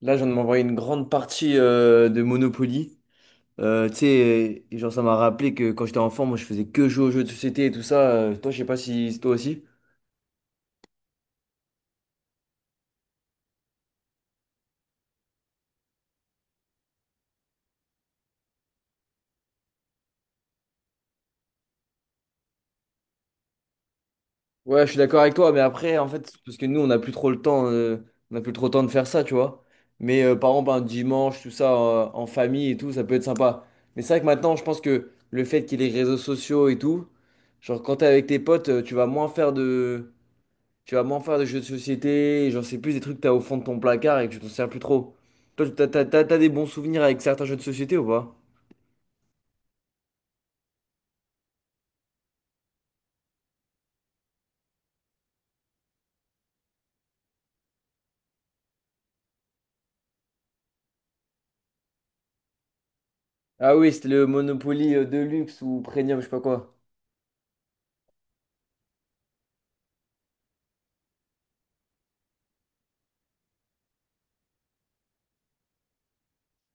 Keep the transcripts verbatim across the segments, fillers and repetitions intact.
Là, je viens de m'envoyer une grande partie euh, de Monopoly. Euh, tu sais, et genre, ça m'a rappelé que quand j'étais enfant, moi, je faisais que jouer aux jeux de société et tout ça. Euh, toi, je sais pas si c'est toi aussi. Ouais, je suis d'accord avec toi, mais après, en fait, parce que nous, on n'a plus trop le temps, euh, on n'a plus trop le temps de faire ça, tu vois. Mais euh, par exemple, un dimanche, tout ça, euh, en famille et tout, ça peut être sympa. Mais c'est vrai que maintenant, je pense que le fait qu'il y ait les réseaux sociaux et tout, genre, quand t'es avec tes potes, euh, tu vas moins faire de Tu vas moins faire de jeux de société, et j'en sais plus, des trucs que t'as au fond de ton placard et que tu t'en sers plus trop. Toi, t'as, t'as- t'as- t'as des bons souvenirs avec certains jeux de société ou pas? Ah oui, c'était le Monopoly euh, Deluxe ou Premium, je sais pas quoi.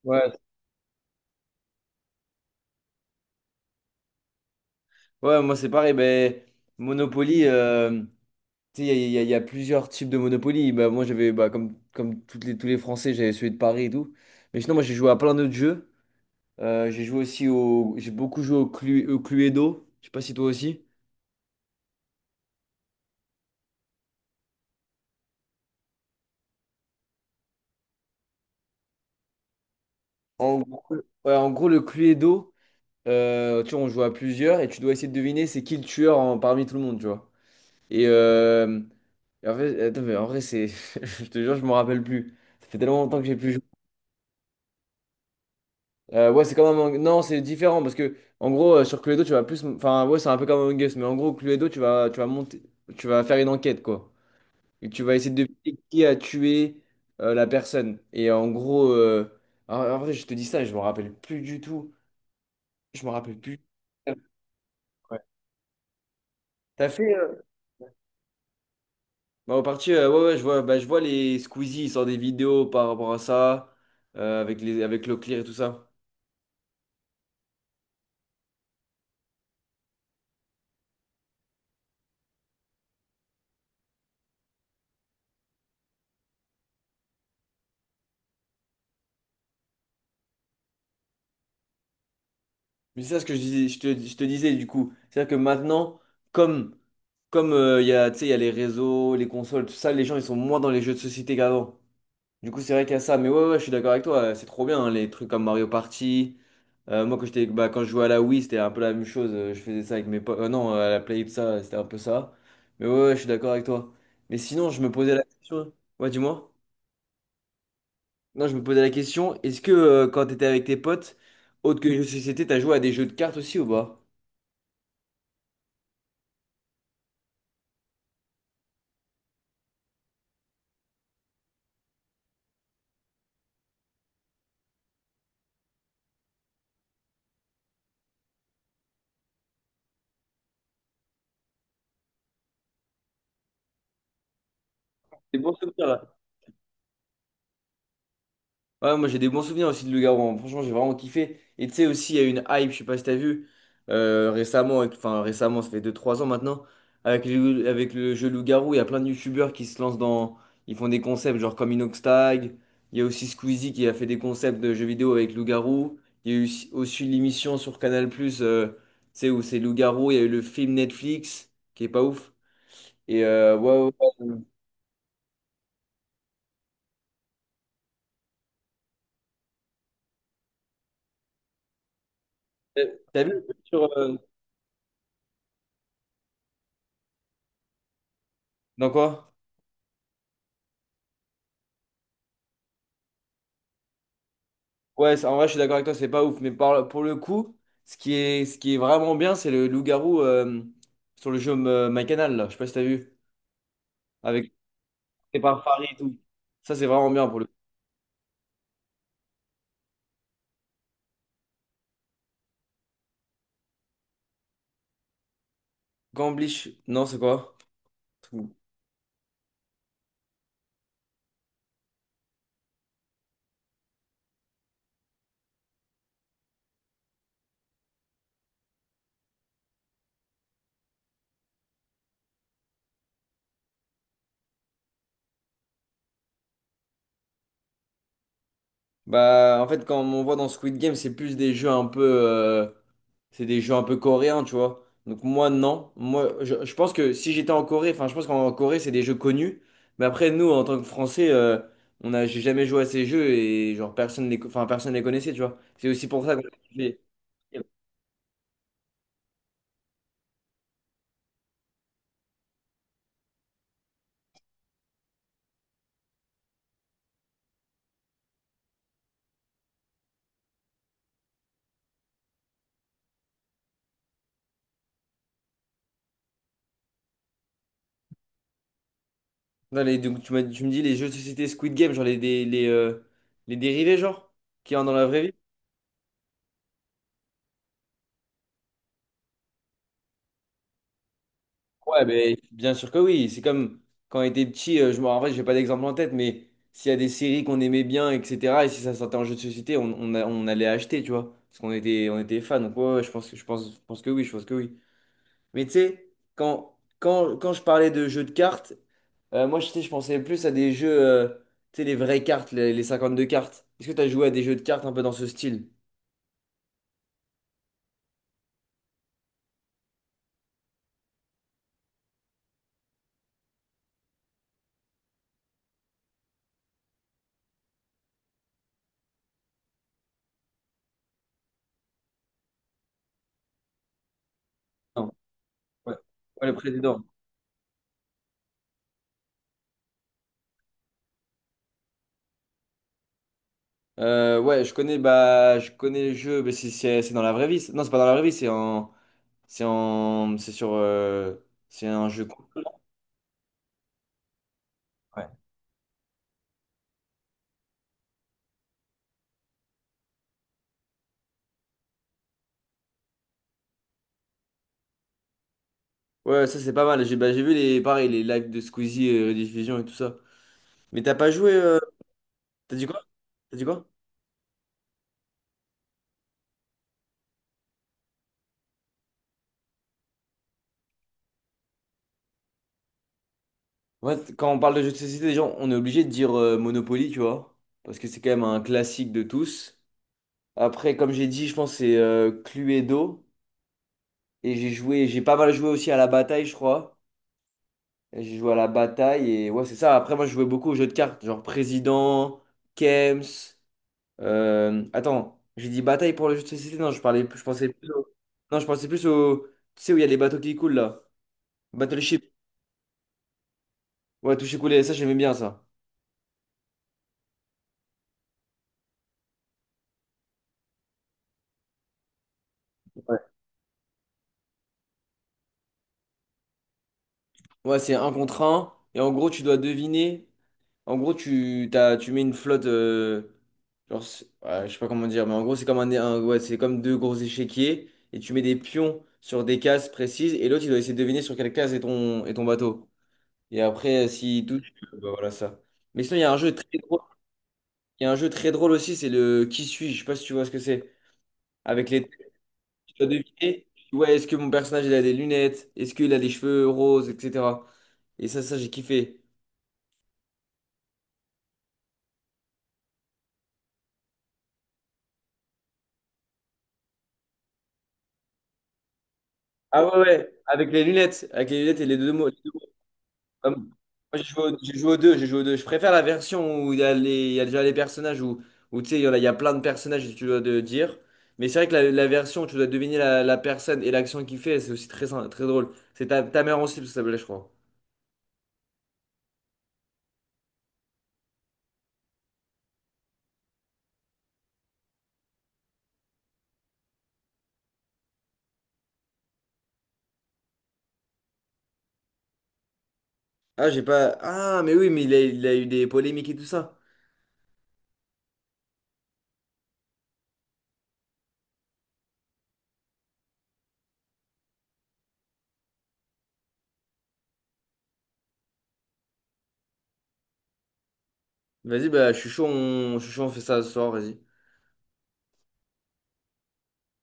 Ouais. Ouais, moi c'est pareil, ben Monopoly, euh, tu sais, il y, a il y a- il y a plusieurs types de Monopoly. Bah, moi j'avais, bah, comme, comme toutes les, tous les Français, j'avais celui de Paris et tout. Mais sinon, moi j'ai joué à plein d'autres jeux. Euh, j'ai joué aussi au. J'ai beaucoup joué au, Clu- au Cluedo. Je sais pas si toi aussi. En gros, ouais, en gros, le Cluedo. Euh, tu vois, on joue à plusieurs et tu dois essayer de deviner c'est qui le tueur en- parmi tout le monde, tu vois. Et, euh, et en fait, attends, mais en vrai, c'est. Je te jure, je m'en rappelle plus. Ça fait tellement longtemps que j'ai plus joué. Euh, ouais, c'est comme un. Non, c'est différent parce que, en gros, euh, sur Cluedo, tu vas plus. Enfin, ouais, c'est un peu comme Among Us, mais en gros, Cluedo, tu vas, tu vas monter. Tu vas faire une enquête, quoi. Et tu vas essayer de deviner qui a tué euh, la personne. Et en gros. Euh, En, en vrai, je te dis ça et je m'en rappelle plus du tout. Je m'en rappelle plus. Ouais. T'as fait. Euh, Bah, en partie, euh, ouais, ouais, je vois, bah, je vois les Squeezie, ils sortent des vidéos par rapport à ça, euh, avec les, avec Leclerc et tout ça. Mais c'est ça ce que je disais, je te, je te disais du coup. C'est-à-dire que maintenant, comme, comme euh, il y a, tu sais, il y a les réseaux, les consoles, tout ça, les gens ils sont moins dans les jeux de société qu'avant. Du coup, c'est vrai qu'il y a ça. Mais ouais, ouais, je suis d'accord avec toi, euh, c'est trop bien, hein, les trucs comme Mario Party. Euh, moi, quand j'étais, bah, quand je jouais à la Wii, c'était un peu la même chose. euh, Je faisais ça avec mes potes. Euh, non, à la Play, tout ça, c'était un peu ça. Mais ouais, ouais, je suis d'accord avec toi. Mais sinon, je me posais la question. Ouais, dis-moi. Non, je me posais la question, est-ce que euh, quand t'étais avec tes potes, autre que les jeux de société, t'as joué à des jeux de cartes aussi ou pas? C'est bon, ça Ouais, moi j'ai des bons souvenirs aussi de Le Garon. Franchement, j'ai vraiment kiffé. Et tu sais aussi, il y a eu une hype, je sais pas si t'as vu, euh, récemment, avec- enfin récemment, ça fait deux trois ans maintenant, avec le, avec le jeu Loup-Garou, il y a plein de youtubeurs qui se lancent dans. Ils font des concepts genre comme Inoxtag. Il y a aussi Squeezie qui a fait des concepts de jeux vidéo avec Loup-Garou. Il y a eu aussi aussi l'émission sur Canal+, euh, tu sais, où c'est Loup-Garou. Il y a eu le film Netflix, qui est pas ouf. Et euh, ouais, ouais, ouais. T'as t'as vu le truc sur. euh, dans quoi? Ouais, c'est- en vrai, je suis d'accord avec toi, c'est pas ouf. Mais par- pour le coup, ce qui est, ce qui est vraiment bien, c'est le loup-garou euh, sur le jeu euh, My canal là. Je sais pas si t'as vu. Avec c'est par Farid et tout. Ça, c'est vraiment bien pour le coup. Gamblish, non, c'est quoi? Bah, en fait, quand on voit dans Squid Game, c'est plus des jeux un peu, euh, c'est des jeux un peu coréens, tu vois. Donc moi, non. Moi, je, je pense que si j'étais en Corée, enfin, je pense qu'en Corée, c'est des jeux connus. Mais après, nous, en tant que Français, euh, on a, j'ai jamais joué à ces jeux et genre personne les, co- enfin, personne les connaissait, tu vois. C'est aussi pour ça que les- dans les- donc, tu m'as- tu me dis les jeux de société Squid Game, genre les, les, les, euh, les dérivés, genre, qu'il y a dans la vraie vie. Ouais, mais bien sûr que oui. C'est comme quand on était petit, euh, je me en vrai, j'ai pas d'exemple en tête, mais s'il y a des séries qu'on aimait bien, et cetera, et si ça sortait en jeu de société, on, on, a- on allait acheter, tu vois, parce qu'on était, on était fans. Donc, ouais, ouais, je pense que, je pense, je pense que oui, je pense que oui. Mais tu sais, quand, quand, quand je parlais de jeux de cartes, euh, moi, je sais, je pensais plus à des jeux, euh, tu sais, les vraies cartes, les, les cinquante-deux cartes. Est-ce que tu as joué à des jeux de cartes un peu dans ce style? Non. Ouais, Ouais, le président. Euh, ouais, je connais, bah, je connais le jeu, mais c'est c'est- c'est dans la vraie vie. c'est- Non, c'est pas dans la vraie vie, c'est en, c'est en, c'est sur, euh, c'est un jeu. Ouais, ouais, ça c'est pas mal. J'ai, bah, j'ai vu les, pareil, les lives de Squeezie, euh, rediffusion et tout ça. Mais t'as pas joué, euh, t'as dit quoi? T'as dit quoi? Ouais, t- quand on parle de jeux de société, les gens, on est obligé de dire euh, Monopoly, tu vois, parce que c'est quand même un classique de tous. Après, comme j'ai dit, je pense que c'est euh, Cluedo, et j'ai joué, j'ai pas mal joué aussi à la bataille, je crois. Et J'ai joué à la bataille et ouais, c'est ça. Après, moi, je jouais beaucoup aux jeux de cartes, genre président, Kems. euh, Attends, j'ai dit bataille pour le jeu de société. Non, je parlais, je pensais plus au... Non, je pensais plus au. Tu sais où il y a les bateaux qui coulent là? Battleship. Ouais, toucher couler, ça, j'aimais bien ça. Ouais, Ouais, c'est un contre un. Et en gros, tu dois deviner En gros, tu, t'as, tu mets une flotte. euh, genre, c'est- ouais, je sais pas comment dire, mais en gros, c'est comme, un, un- ouais, c'est comme deux gros échiquiers et tu mets des pions sur des cases précises et l'autre, il doit essayer de deviner sur quelle case est ton, est ton bateau. Et après, euh, s'il doute, euh, bah voilà ça. Mais sinon, il y a un jeu très drôle, Il y a un jeu très drôle aussi, c'est le Qui suis-je? Je sais pas si tu vois ce que c'est. Avec les têtes, tu dois deviner. Ouais, est-ce que mon personnage, il a des lunettes? Est-ce qu'il a des cheveux roses, et cetera. Et ça, ça, j'ai kiffé. Ah ouais, ouais, avec les lunettes, avec les lunettes et les deux mots. Euh, moi, J'ai joué, au j'ai joué aux deux, j'ai joué aux deux. Je préfère la version où il y a les, il y a déjà les personnages où, où tu sais, il y en a il y a plein de personnages et tu dois de dire. Mais c'est vrai que la, la version où tu dois deviner la, la personne et l'action qu'il fait, c'est aussi très, sy- très drôle. C'est ta, ta mère aussi, parce que ça s'appelait, je crois. Ah, j'ai pas. Ah, mais oui, mais il a, il a eu des polémiques et tout ça. Vas-y, bah, je suis chaud, on, je suis chaud, on fait ça ce soir, vas-y.